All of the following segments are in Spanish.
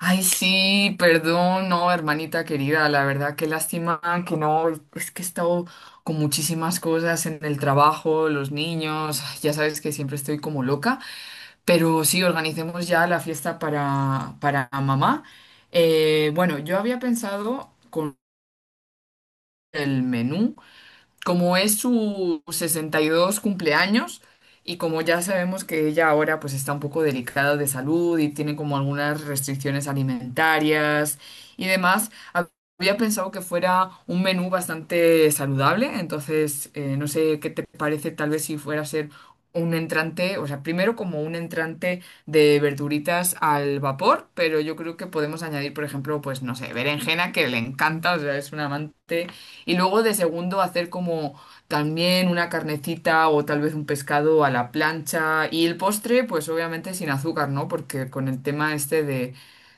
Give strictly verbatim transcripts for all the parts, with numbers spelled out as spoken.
Ay, sí, perdón, no, hermanita querida, la verdad, qué lástima que no, es que he estado con muchísimas cosas en el trabajo, los niños, ay, ya sabes que siempre estoy como loca, pero sí, organicemos ya la fiesta para, para mamá. Eh, bueno, yo había pensado con el menú como es su sesenta y dos cumpleaños y como ya sabemos que ella ahora pues está un poco delicada de salud y tiene como algunas restricciones alimentarias y demás, había pensado que fuera un menú bastante saludable. Entonces, eh, no sé qué te parece, tal vez si fuera a ser un entrante, o sea, primero como un entrante de verduritas al vapor, pero yo creo que podemos añadir, por ejemplo, pues no sé, berenjena que le encanta, o sea, es un amante, y luego de segundo hacer como también una carnecita o tal vez un pescado a la plancha. Y el postre, pues obviamente sin azúcar, ¿no? Porque con el tema este de,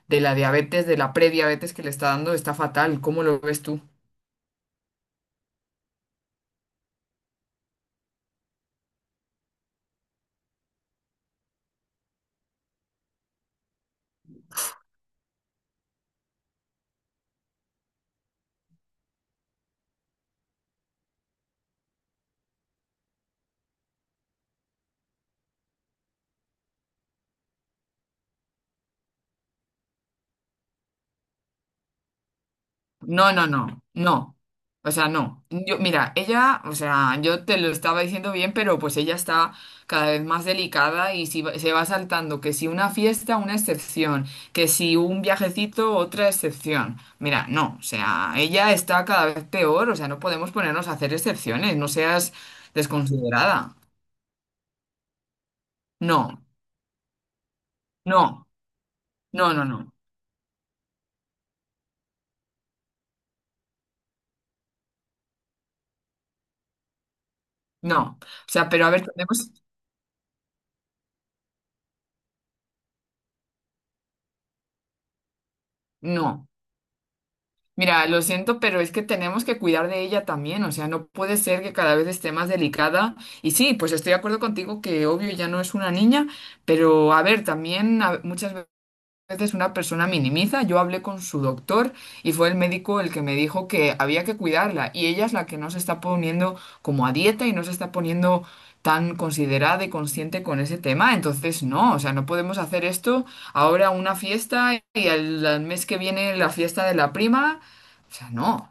de la diabetes, de la prediabetes que le está dando, está fatal. ¿Cómo lo ves tú? No, no, no, no. O sea, no. Yo, mira, ella, o sea, yo te lo estaba diciendo bien, pero pues ella está cada vez más delicada y si va- se va saltando que si una fiesta, una excepción, que si un viajecito, otra excepción. Mira, no, o sea, ella está cada vez peor, o sea, no podemos ponernos a hacer excepciones, no seas desconsiderada. No, no, no, no, no, no. O sea, pero a ver, tenemos... No. Mira, lo siento, pero es que tenemos que cuidar de ella también, o sea, no puede ser que cada vez esté más delicada. Y sí, pues estoy de acuerdo contigo que obvio ya no es una niña, pero a ver, también a- muchas veces veces una persona minimiza. Yo hablé con su doctor y fue el médico el que me dijo que había que cuidarla, y ella es la que no se está poniendo como a dieta y no se está poniendo tan considerada y consciente con ese tema. Entonces, no, o sea, no podemos hacer esto ahora, una fiesta, y al, al mes que viene la fiesta de la prima. O sea, no.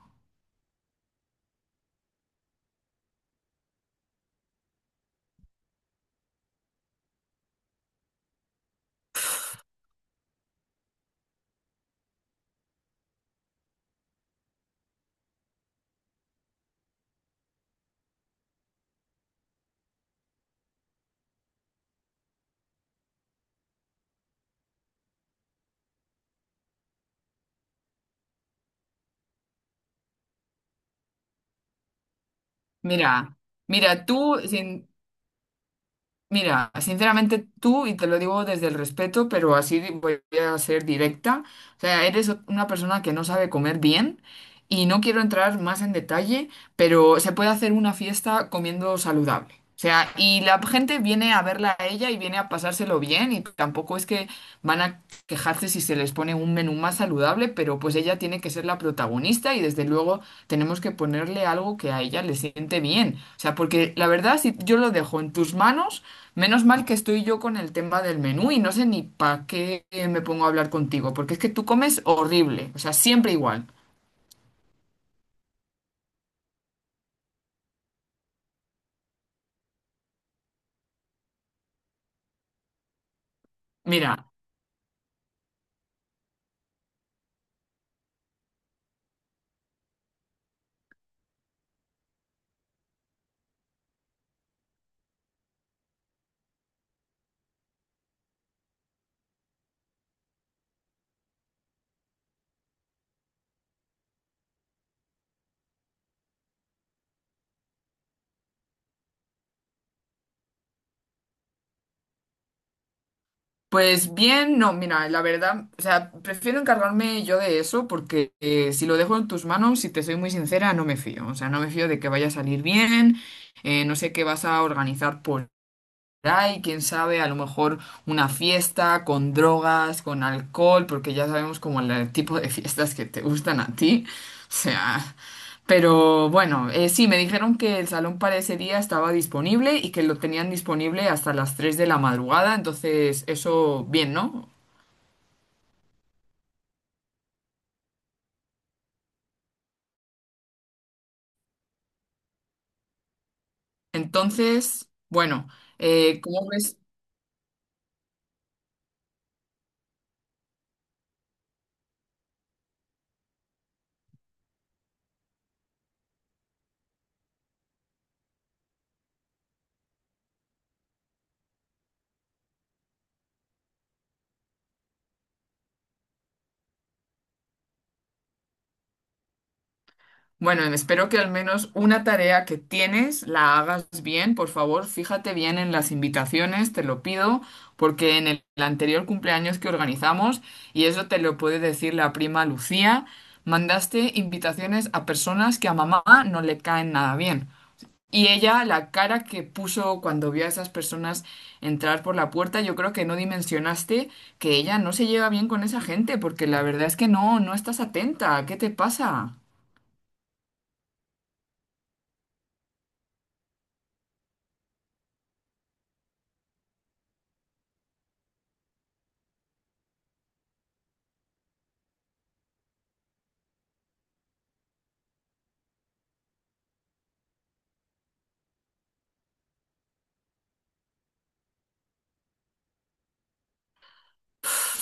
Mira, mira, tú, sin- Mira, sinceramente tú, y te lo digo desde el respeto, pero así di- voy a ser directa, o sea, eres una persona que no sabe comer bien y no quiero entrar más en detalle, pero se puede hacer una fiesta comiendo saludable. O sea, y la gente viene a verla a ella y viene a pasárselo bien, y tampoco es que van a quejarse si se les pone un menú más saludable, pero pues ella tiene que ser la protagonista y desde luego tenemos que ponerle algo que a ella le siente bien. O sea, porque la verdad, si yo lo dejo en tus manos, menos mal que estoy yo con el tema del menú. Y no sé ni para qué eh, me pongo a hablar contigo, porque es que tú comes horrible, o sea, siempre igual. Mira, pues bien, no, mira, la verdad, o sea, prefiero encargarme yo de eso, porque eh, si lo dejo en tus manos, si te soy muy sincera, no me fío, o sea, no me fío de que vaya a salir bien. Eh, no sé qué vas a organizar, y quién sabe, a lo mejor una fiesta con drogas, con alcohol, porque ya sabemos como el tipo de fiestas que te gustan a ti. O sea, pero bueno, eh, sí, me dijeron que el salón para ese día estaba disponible y que lo tenían disponible hasta las tres de la madrugada, entonces eso bien, ¿no? Entonces, bueno, eh, ¿cómo ves? Bueno, espero que al menos una tarea que tienes la hagas bien. Por favor, fíjate bien en las invitaciones, te lo pido, porque en el anterior cumpleaños que organizamos, y eso te lo puede decir la prima Lucía, mandaste invitaciones a personas que a mamá no le caen nada bien. Y ella, la cara que puso cuando vio a esas personas entrar por la puerta, yo creo que no dimensionaste que ella no se lleva bien con esa gente, porque la verdad es que no, no estás atenta. ¿Qué te pasa?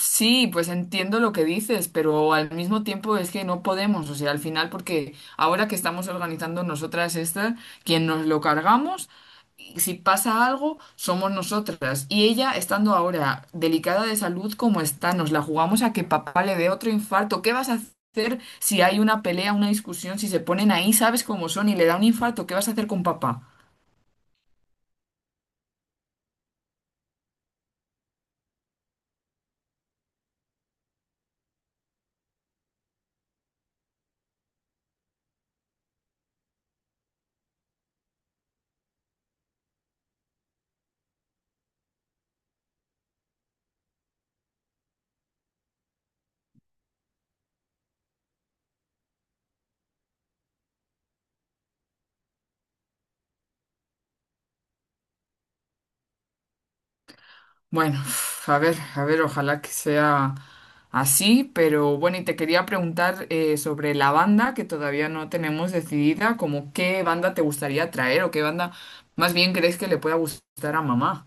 Sí, pues entiendo lo que dices, pero al mismo tiempo es que no podemos, o sea, al final, porque ahora que estamos organizando nosotras esta, quien nos lo cargamos, y si pasa algo, somos nosotras. Y ella, estando ahora delicada de salud como está, nos la jugamos a que papá le dé otro infarto. ¿Qué vas a hacer si hay una pelea, una discusión, si se ponen ahí, sabes cómo son, y le da un infarto? ¿Qué vas a hacer con papá? Bueno, a ver, a ver, ojalá que sea así, pero bueno, y te quería preguntar eh, sobre la banda que todavía no tenemos decidida, como qué banda te gustaría traer o qué banda más bien crees que le pueda gustar a mamá.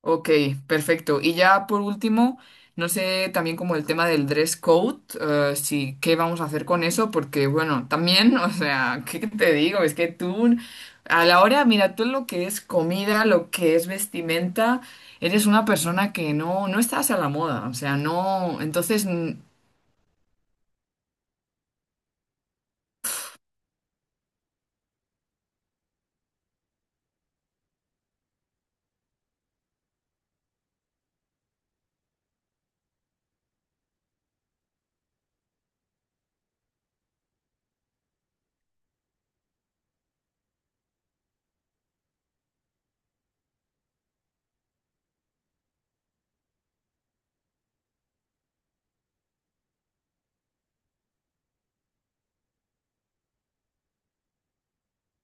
Ok, perfecto. Y ya por último, no sé también como el tema del dress code, eh, si qué vamos a hacer con eso, porque bueno, también, o sea, ¿qué te digo? Es que tú, a la hora, mira, tú lo que es comida, lo que es vestimenta, eres una persona que no, no estás a la moda, o sea, no, entonces, mm,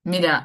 mira.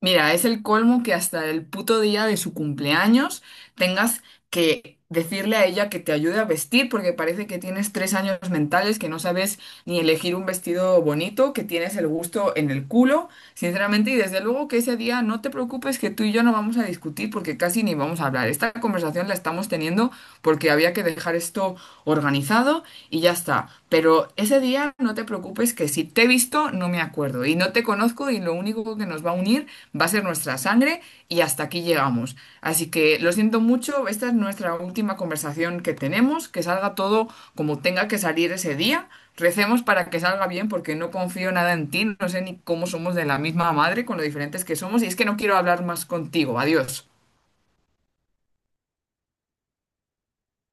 Mira, es el colmo que hasta el puto día de su cumpleaños tengas que decirle a ella que te ayude a vestir porque parece que tienes tres años mentales, que no sabes ni elegir un vestido bonito, que tienes el gusto en el culo, sinceramente, y desde luego que ese día no te preocupes que tú y yo no vamos a discutir porque casi ni vamos a hablar. Esta conversación la estamos teniendo porque había que dejar esto organizado y ya está. Pero ese día no te preocupes, que si te he visto no me acuerdo y no te conozco, y lo único que nos va a unir va a ser nuestra sangre, y hasta aquí llegamos. Así que lo siento mucho, esta es nuestra última conversación que tenemos, que salga todo como tenga que salir ese día. Recemos para que salga bien porque no confío nada en ti, no sé ni cómo somos de la misma madre con lo diferentes que somos, y es que no quiero hablar más contigo. Adiós.